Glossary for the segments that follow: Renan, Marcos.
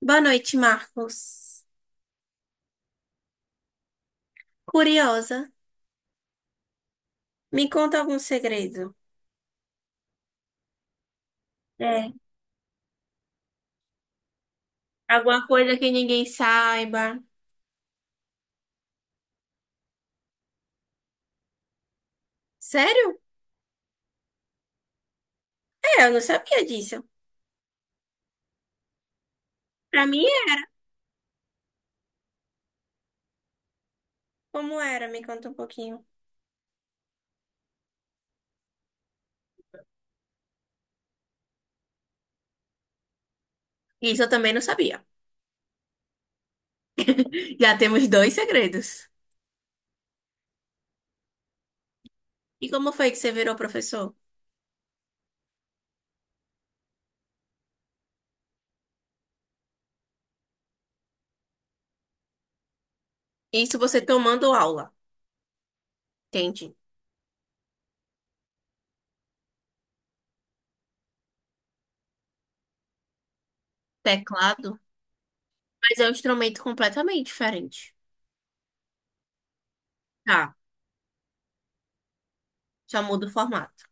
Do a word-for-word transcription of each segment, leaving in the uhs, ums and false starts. Boa noite, Marcos. Curiosa, me conta algum segredo. É. Alguma coisa que ninguém saiba. Sério? É, eu não sabia disso. Pra mim é. Como era? Me conta um pouquinho. Isso eu também não sabia. Já temos dois segredos. E como foi que você virou professor? Isso você tomando aula. Entende? Teclado. Mas é um instrumento completamente diferente. Tá. Só muda o formato.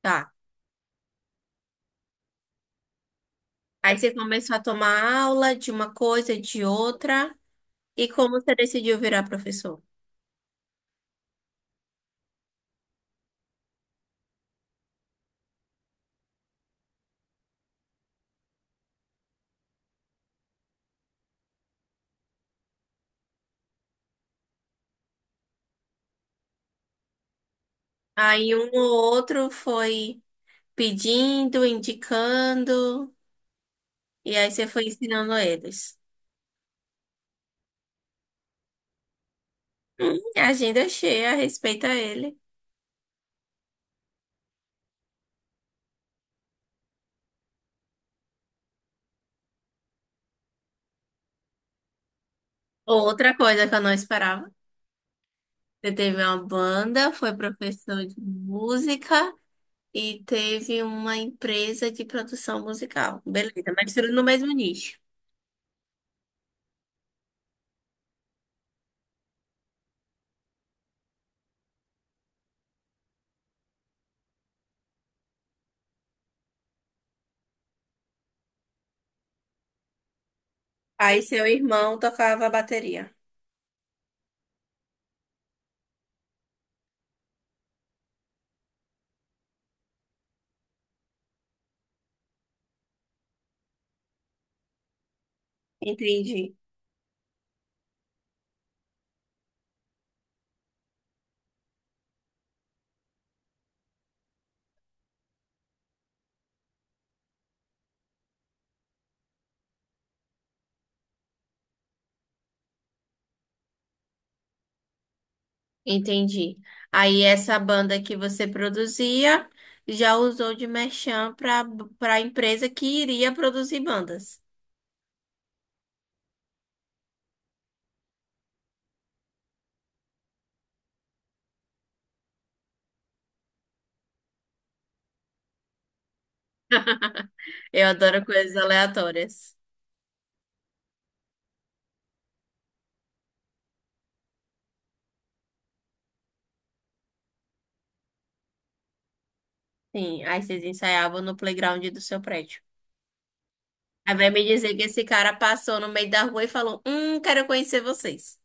Tá. Aí você começou a tomar aula de uma coisa, de outra. E como você decidiu virar professor? Aí um ou outro foi pedindo, indicando, e aí você foi ensinando eles. Hum, agenda é cheia, respeita ele. Outra coisa que eu não esperava. Você teve uma banda, foi professor de música e teve uma empresa de produção musical. Beleza, mas tudo no mesmo nicho. Aí seu irmão tocava bateria. Entendi. Entendi. Aí essa banda que você produzia já usou de merchan para para a empresa que iria produzir bandas. Eu adoro coisas aleatórias. Sim, aí vocês ensaiavam no playground do seu prédio. Aí vai me dizer que esse cara passou no meio da rua e falou: Hum, quero conhecer vocês.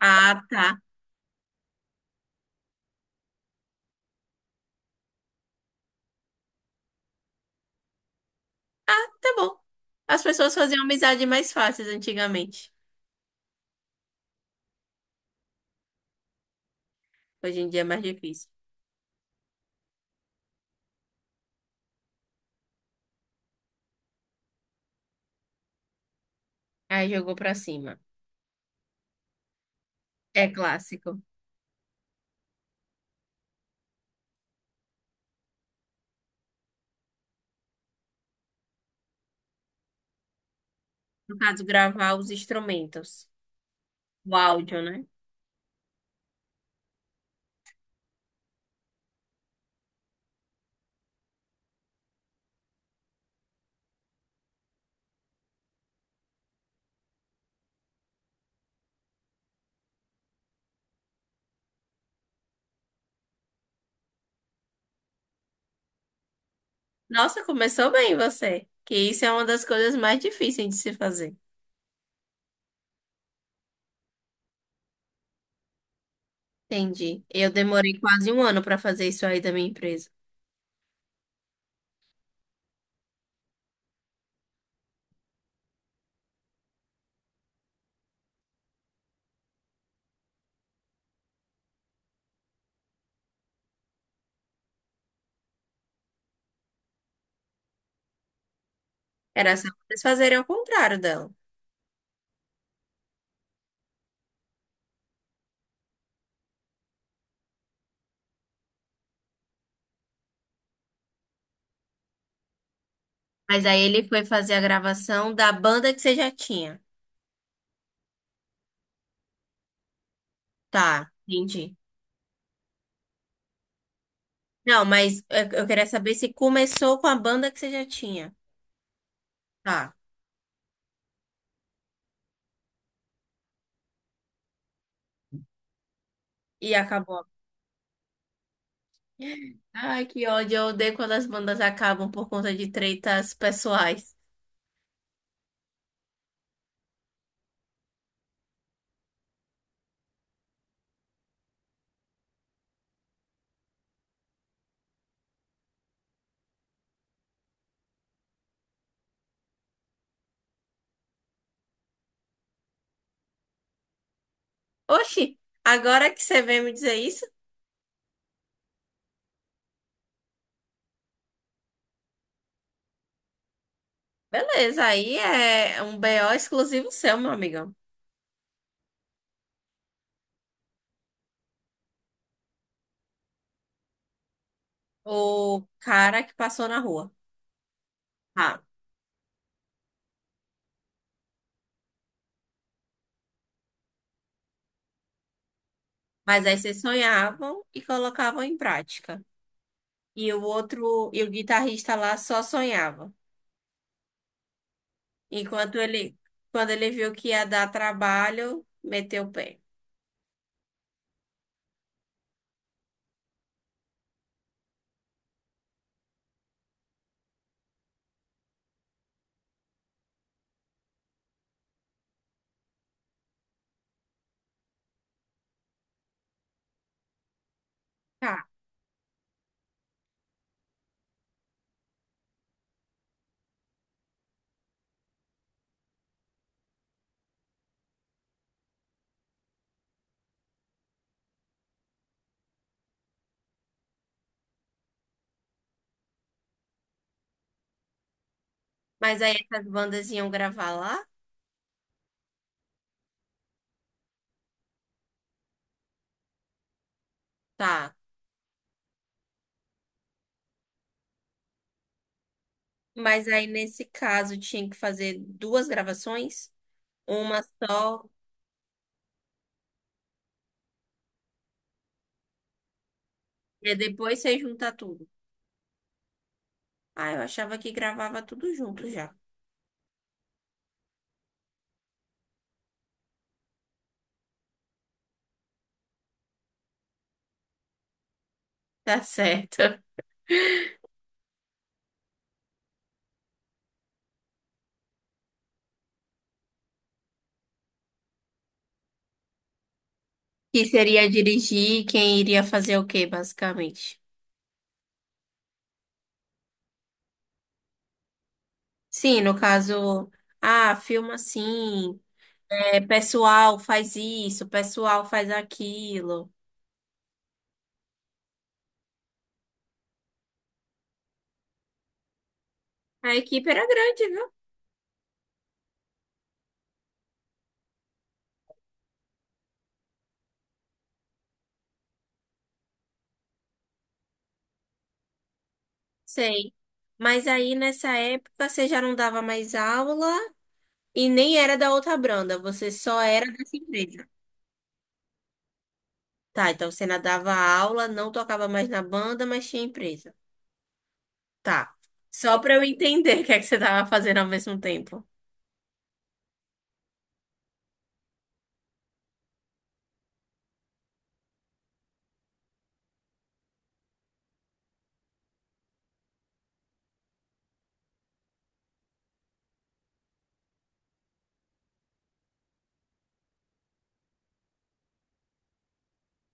Ah, tá. Tá bom. As pessoas faziam amizade mais fáceis antigamente. Hoje em dia é mais difícil. Aí jogou pra cima. É clássico. No caso, gravar os instrumentos. O áudio, né? Nossa, começou bem você. Que isso é uma das coisas mais difíceis de se fazer. Entendi. Eu demorei quase um ano para fazer isso aí da minha empresa. Era só vocês fazerem ao contrário dela. Mas aí ele foi fazer a gravação da banda que você já tinha. Tá, entendi. Não, mas eu eu queria saber se começou com a banda que você já tinha. Tá. E acabou. Ai, que ódio. Eu odeio quando as bandas acabam por conta de tretas pessoais. Oxi, agora que você vem me dizer isso? Beleza, aí é um B O exclusivo seu, meu amigo. O cara que passou na rua. Ah, mas aí vocês sonhavam e colocavam em prática. E o outro, e o guitarrista lá só sonhava. Enquanto ele, quando ele viu que ia dar trabalho, meteu o pé. Tá. Mas aí essas bandas iam gravar lá? Tá. Mas aí nesse caso tinha que fazer duas gravações, uma só, e depois você junta tudo. Ah, eu achava que gravava tudo junto já. Tá certo. Que seria dirigir, quem iria fazer o quê, basicamente? Sim, no caso, ah, filma assim, é, pessoal faz isso, pessoal faz aquilo. A equipe era grande, viu? Sei. Mas aí nessa época você já não dava mais aula e nem era da outra banda, você só era dessa empresa. Tá, então você não dava aula, não tocava mais na banda, mas tinha empresa. Tá. Só pra eu entender o que é que você tava fazendo ao mesmo tempo.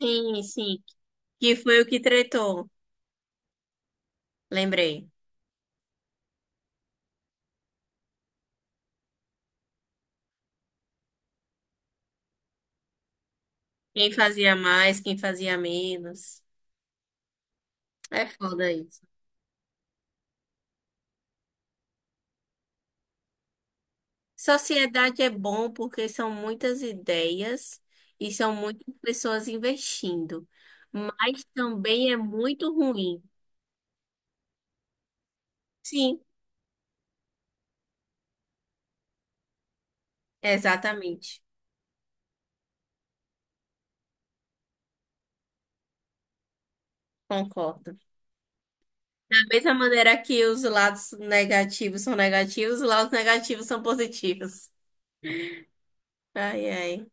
Sim, sim. Que foi o que tretou. Lembrei. Quem fazia mais, quem fazia menos. É foda isso. Sociedade é bom porque são muitas ideias e são muitas pessoas investindo. Mas também é muito ruim. Sim, exatamente. Concordo. Da mesma maneira que os lados negativos são negativos, os lados negativos são positivos. Ai, ai.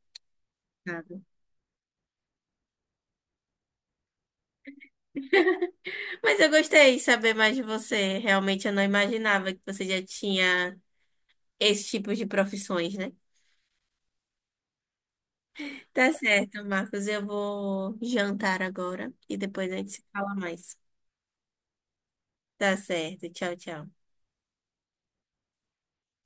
Mas eu gostei de saber mais de você. Realmente eu não imaginava que você já tinha esse tipo de profissões, né? Tá certo, Marcos. Eu vou jantar agora e depois a gente se fala mais. Tá certo. Tchau, tchau.